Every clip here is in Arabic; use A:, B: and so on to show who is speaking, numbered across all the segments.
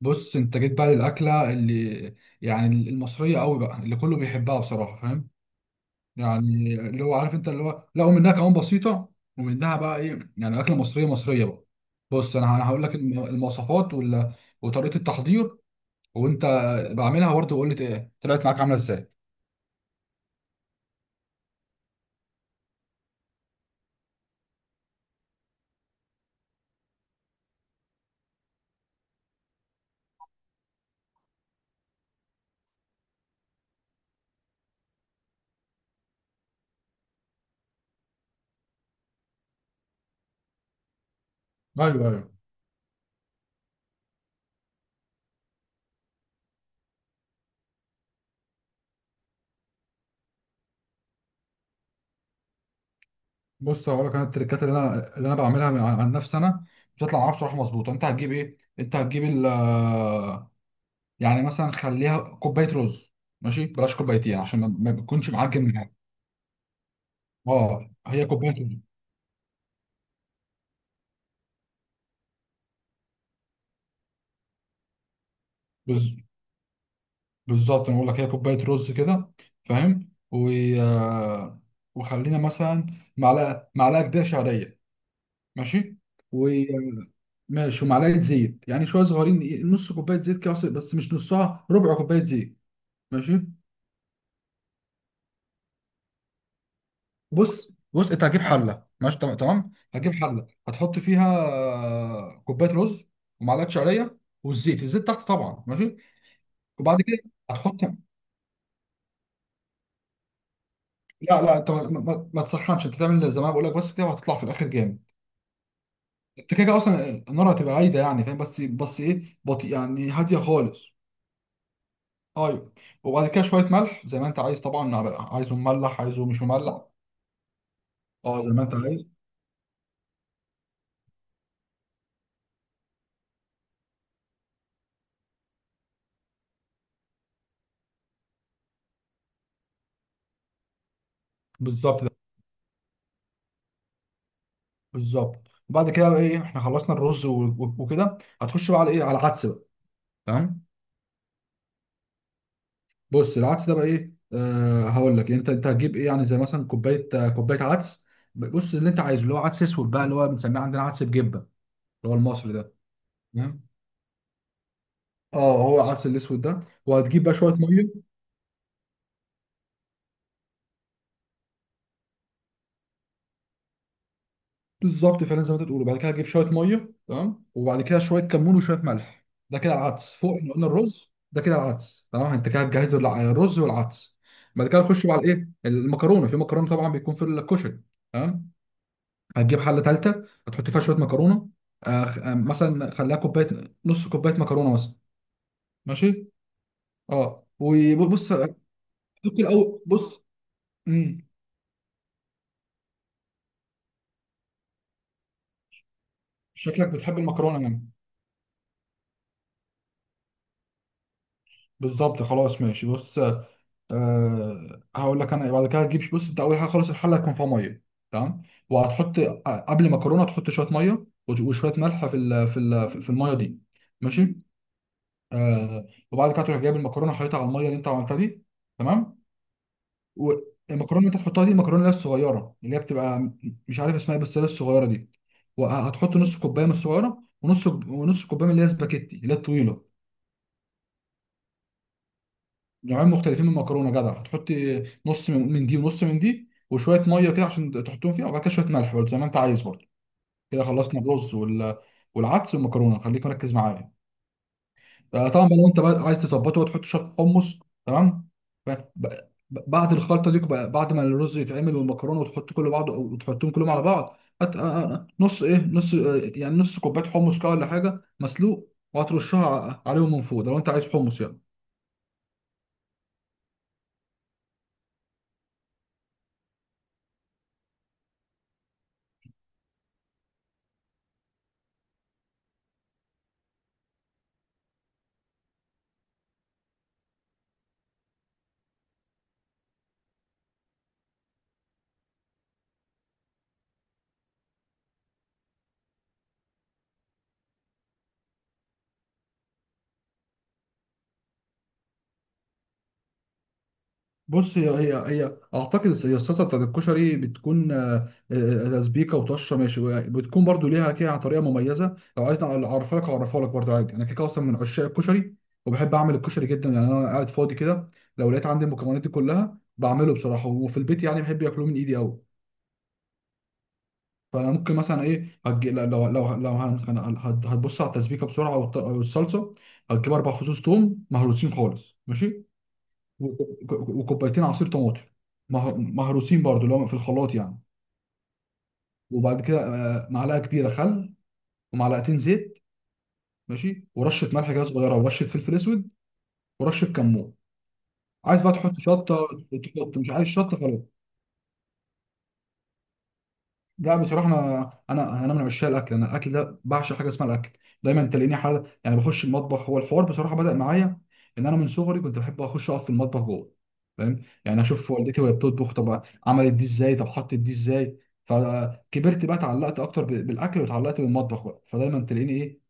A: بص، انت جيت بقى للاكله اللي يعني المصريه قوي بقى، اللي كله بيحبها بصراحه، فاهم؟ يعني اللي هو عارف انت، اللي هو لا، ومنها كمان بسيطه، ومنها بقى ايه، يعني اكله مصريه مصريه بقى. بص، انا هقول لك المواصفات ولا وطريقه التحضير، وانت بعملها برضه وقول لي ايه طلعت معاك عامله ازاي. ايوه، ايوه. بص، هقول لك انا التريكات اللي انا بعملها عن نفسي، انا بتطلع معايا بصراحه مظبوطه. انت هتجيب يعني مثلا خليها كوبايه رز، ماشي؟ بلاش كوبايتين عشان ما بتكونش معجن من حاجه. اه، هي كوبايه رز. بز- بالظبط، انا بقول لك هي كوبايه رز كده، فاهم. و... آه، وخلينا مثلا معلقه كبيره شعريه، ماشي و ماشي ومعلقه زيت، يعني شويه صغيرين، نص كوبايه زيت كده، بس مش نصها، ربع كوبايه زيت. ماشي، بص انت هتجيب حله، ماشي؟ تمام، هتجيب حله هتحط فيها آه، كوبايه رز ومعلقه شعريه، والزيت، الزيت تحت طبعا، ماشي؟ وبعد كده هتحط، لا لا، انت ما تسخنش. انت تعمل زي ما انا بقول لك بس كده، وهتطلع في الاخر جامد. انت كده كده اصلا النار هتبقى عايده، يعني فاهم؟ بس ايه، بطيء يعني، هاديه خالص. ايوه. وبعد كده شويه ملح زي ما انت عايز طبعا، عايزه مملح، عايزه مش مملح. اه، زي ما انت عايز. بالظبط، بالظبط. وبعد كده بقى ايه، احنا خلصنا الرز وكده هتخش بقى على ايه، على العدس بقى. تمام. بص، العدس ده بقى ايه، آه هقول لك. انت هتجيب ايه، يعني زي مثلا كوبايه عدس. بص، اللي انت عايزه اللي هو عدس اسود بقى، اللي هو بنسميه عندنا عدس بجبه، اللي هو المصري ده. تمام، اه، هو العدس الاسود ده، وهتجيب بقى شويه ميه. بالظبط، فعلا زي ما انت بتقول. وبعد كده هتجيب شويه ميه، تمام، وبعد كده شويه كمون وشويه ملح. ده كده العدس فوق، احنا قلنا الرز، ده كده العدس، تمام. انت كده هتجهز الرز والعدس. بعد كده نخش على الايه، المكرونه، في مكرونه طبعا بيكون في الكشري، تمام. هتجيب حله ثالثه هتحط فيها شويه مكرونه، مثلا خليها كوبايه، نص كوبايه مكرونه مثلا. ماشي، اه وبص حط الاول، بص، امم شكلك بتحب المكرونه يعني. بالظبط، خلاص ماشي. بص، هقول لك انا، بعد كده هتجيب، بص انت اول حاجه خالص الحله هيكون فيها ميه، تمام. وهتحط آه، قبل مكرونه تحط شويه ميه وشويه ملح في الميه دي، ماشي. أه، وبعد كده تروح جايب المكرونه، حاططها على الميه اللي انت عملتها دي، تمام. والمكرونه اللي انت هتحطها دي، المكرونه اللي هي الصغيره، اللي هي بتبقى مش عارف اسمها بس اللي هي الصغيره دي. وهتحط نص كوبايه من الصغيره، ونص كوبايه من اللي هي سباكيتي، اللي هي الطويله. نوعين مختلفين من المكرونه، جدع. هتحطي نص من دي ونص من دي، وشويه ميه كده عشان تحطهم فيها، وبعد كده شويه ملح برضه زي ما انت عايز برضه. كده خلصنا الرز والعدس والمكرونه، خليك مركز معايا. آه، طبعا بقى لو انت بقى عايز تظبطه وتحط شويه حمص، تمام. ب- ب- بعد الخلطه دي بعد ما الرز يتعمل والمكرونه وتحط كله بعض وتحطهم كلهم على بعض، هت... آه، آه، آه، نص ايه نص آه، يعني نص كوبايه حمص كده ولا حاجه، مسلوق، وهترشها عليهم من فوق، ده لو انت عايز حمص يعني. بص، هي هي هي اعتقد هي الصلصه بتاعت الكشري بتكون، تسبيكه وطشه، ماشي. بتكون برضو ليها كده طريقه مميزه، لو عايزني اعرفها لك اعرفها لك برضو عادي. انا كده كده اصلا من عشاق الكشري، وبحب اعمل الكشري جدا. يعني انا قاعد فاضي كده، لو لقيت عندي المكونات دي كلها بعمله بصراحه، وفي البيت يعني بحب ياكلوه من ايدي قوي. فانا ممكن مثلا لو هتبص على التسبيكه بسرعه والصلصه. هتجيب اربع فصوص توم مهروسين خالص، ماشي، وكوبايتين عصير طماطم مهروسين برضو، اللي هو في الخلاط يعني. وبعد كده آه، معلقه كبيره خل، ومعلقتين زيت، ماشي، ورشه ملح كده صغيره، ورشه فلفل اسود، ورشه كمون. عايز بقى تحط شطه، تحط، مش عايز شطه خلاص. لا، بصراحة أنا من عشاق الأكل، أنا الأكل ده بعشق، حاجة اسمها الأكل. دايما تلاقيني حاجة، يعني بخش المطبخ، هو الحوار بصراحة بدأ معايا إن أنا من صغري كنت بحب أخش أقف في المطبخ جوه، فاهم؟ يعني أشوف والدتي وهي بتطبخ، طب عملت دي إزاي؟ طب حطت دي إزاي؟ فكبرت بقى، اتعلقت أكتر بالأكل، واتعلقت بالمطبخ بقى، فدايما تلاقيني إيه.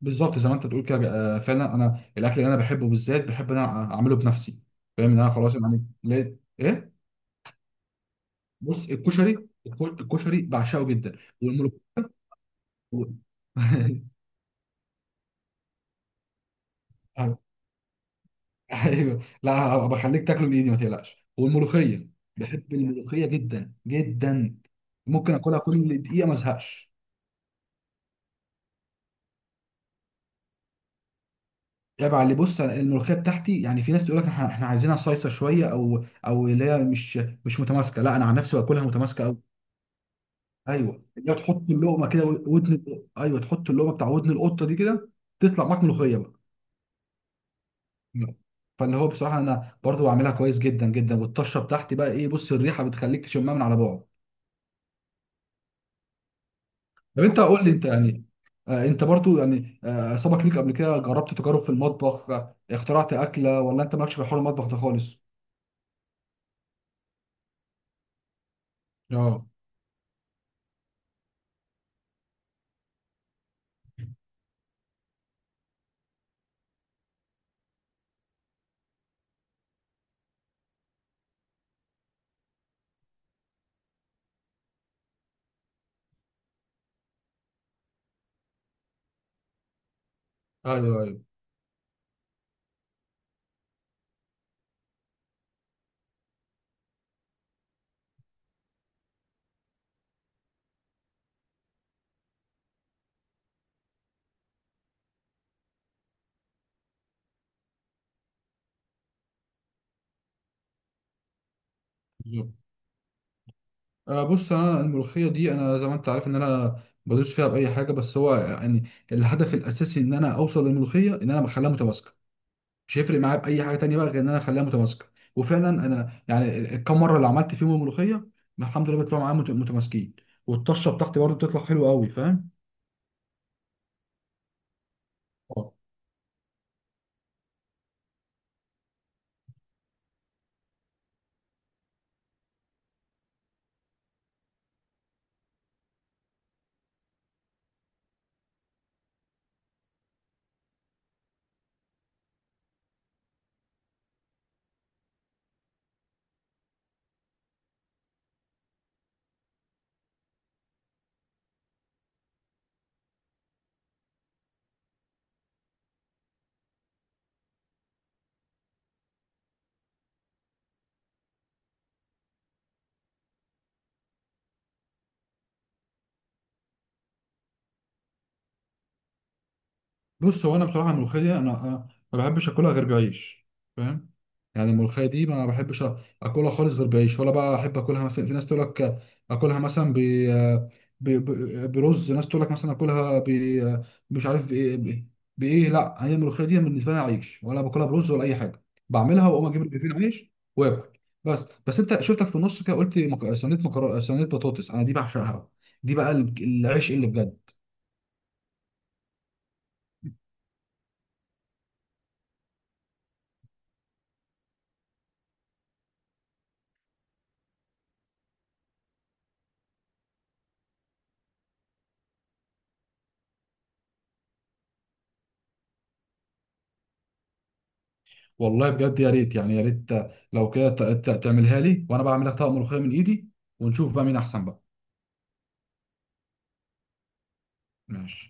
A: بالظبط، زي ما أنت تقول كده. آه، فعلا أنا الأكل اللي أنا بحبه بالذات بحب إن أنا أعمله بنفسي، فاهم؟ إن أنا خلاص يعني لقيت إيه؟ بص، الكشري، الكشري بعشقه جدا. و- ايوه، لا بخليك تاكله بايدي، ما تقلقش. والملوخيه، بحب الملوخيه جدا جدا، ممكن اكلها كل دقيقه ما ازهقش. عيب على اللي، بص، أنا الملوخيه بتاعتي، يعني في ناس تقول لك احنا عايزينها صايصه شويه، او اللي هي مش متماسكه. لا، انا عن نفسي باكلها متماسكه قوي. ايوه، اللي هي تحط اللقمه كده، ودن. ايوه، تحط اللقمه بتاع ودن القطه دي كده، تطلع معاك ملوخيه بقى. فاللي هو بصراحه انا برضو بعملها كويس جدا جدا، والطشه بتاعتي بقى ايه، بص، الريحه بتخليك تشمها من على بعد. طب انت قول لي، انت يعني آه، انت برضو يعني آه، سبق ليك قبل كده جربت تجارب في المطبخ، آه، اخترعت اكله، ولا انت مالكش في حوار المطبخ ده خالص؟ اه، ايوه ايوه، بالظبط. آه، بص انا الملوخيه دي، انا زي ما انت عارف ان انا بدوس فيها باي حاجه، بس هو يعني الهدف الاساسي ان انا اوصل للملوخيه ان انا بخليها متماسكه. مش هيفرق معايا باي حاجه تانيه بقى غير ان انا اخليها متماسكه. وفعلا انا يعني الكام مره اللي عملت فيهم الملوخيه، الحمد لله بيطلعوا معايا متماسكين، والطشه بتاعتي برضو بتطلع حلوه قوي، فاهم؟ آه. بص، هو انا بصراحه الملوخيه دي انا ما بحبش اكلها غير بعيش، فاهم؟ يعني الملوخيه دي ما بحبش اكلها خالص غير بعيش. ولا بقى احب اكلها، مثلا في ناس تقول لك اكلها مثلا برز، ناس تقول لك مثلا اكلها مش عارف بايه، بايه. لا، هي الملوخيه دي بالنسبه لي عيش، ولا باكلها برز ولا اي حاجه. بعملها واقوم اجيب رغيفين عيش واكل. بس انت شفتك في النص كده قلت صينيه مكرونه، صينيه بطاطس انا دي بعشقها. دي بقى العيش اللي بجد. والله بجد يا ريت، يعني يا ريت لو كده تعملها لي، وانا بعملها طبق ملوخيه من ايدي، ونشوف بقى مين احسن بقى. ماشي.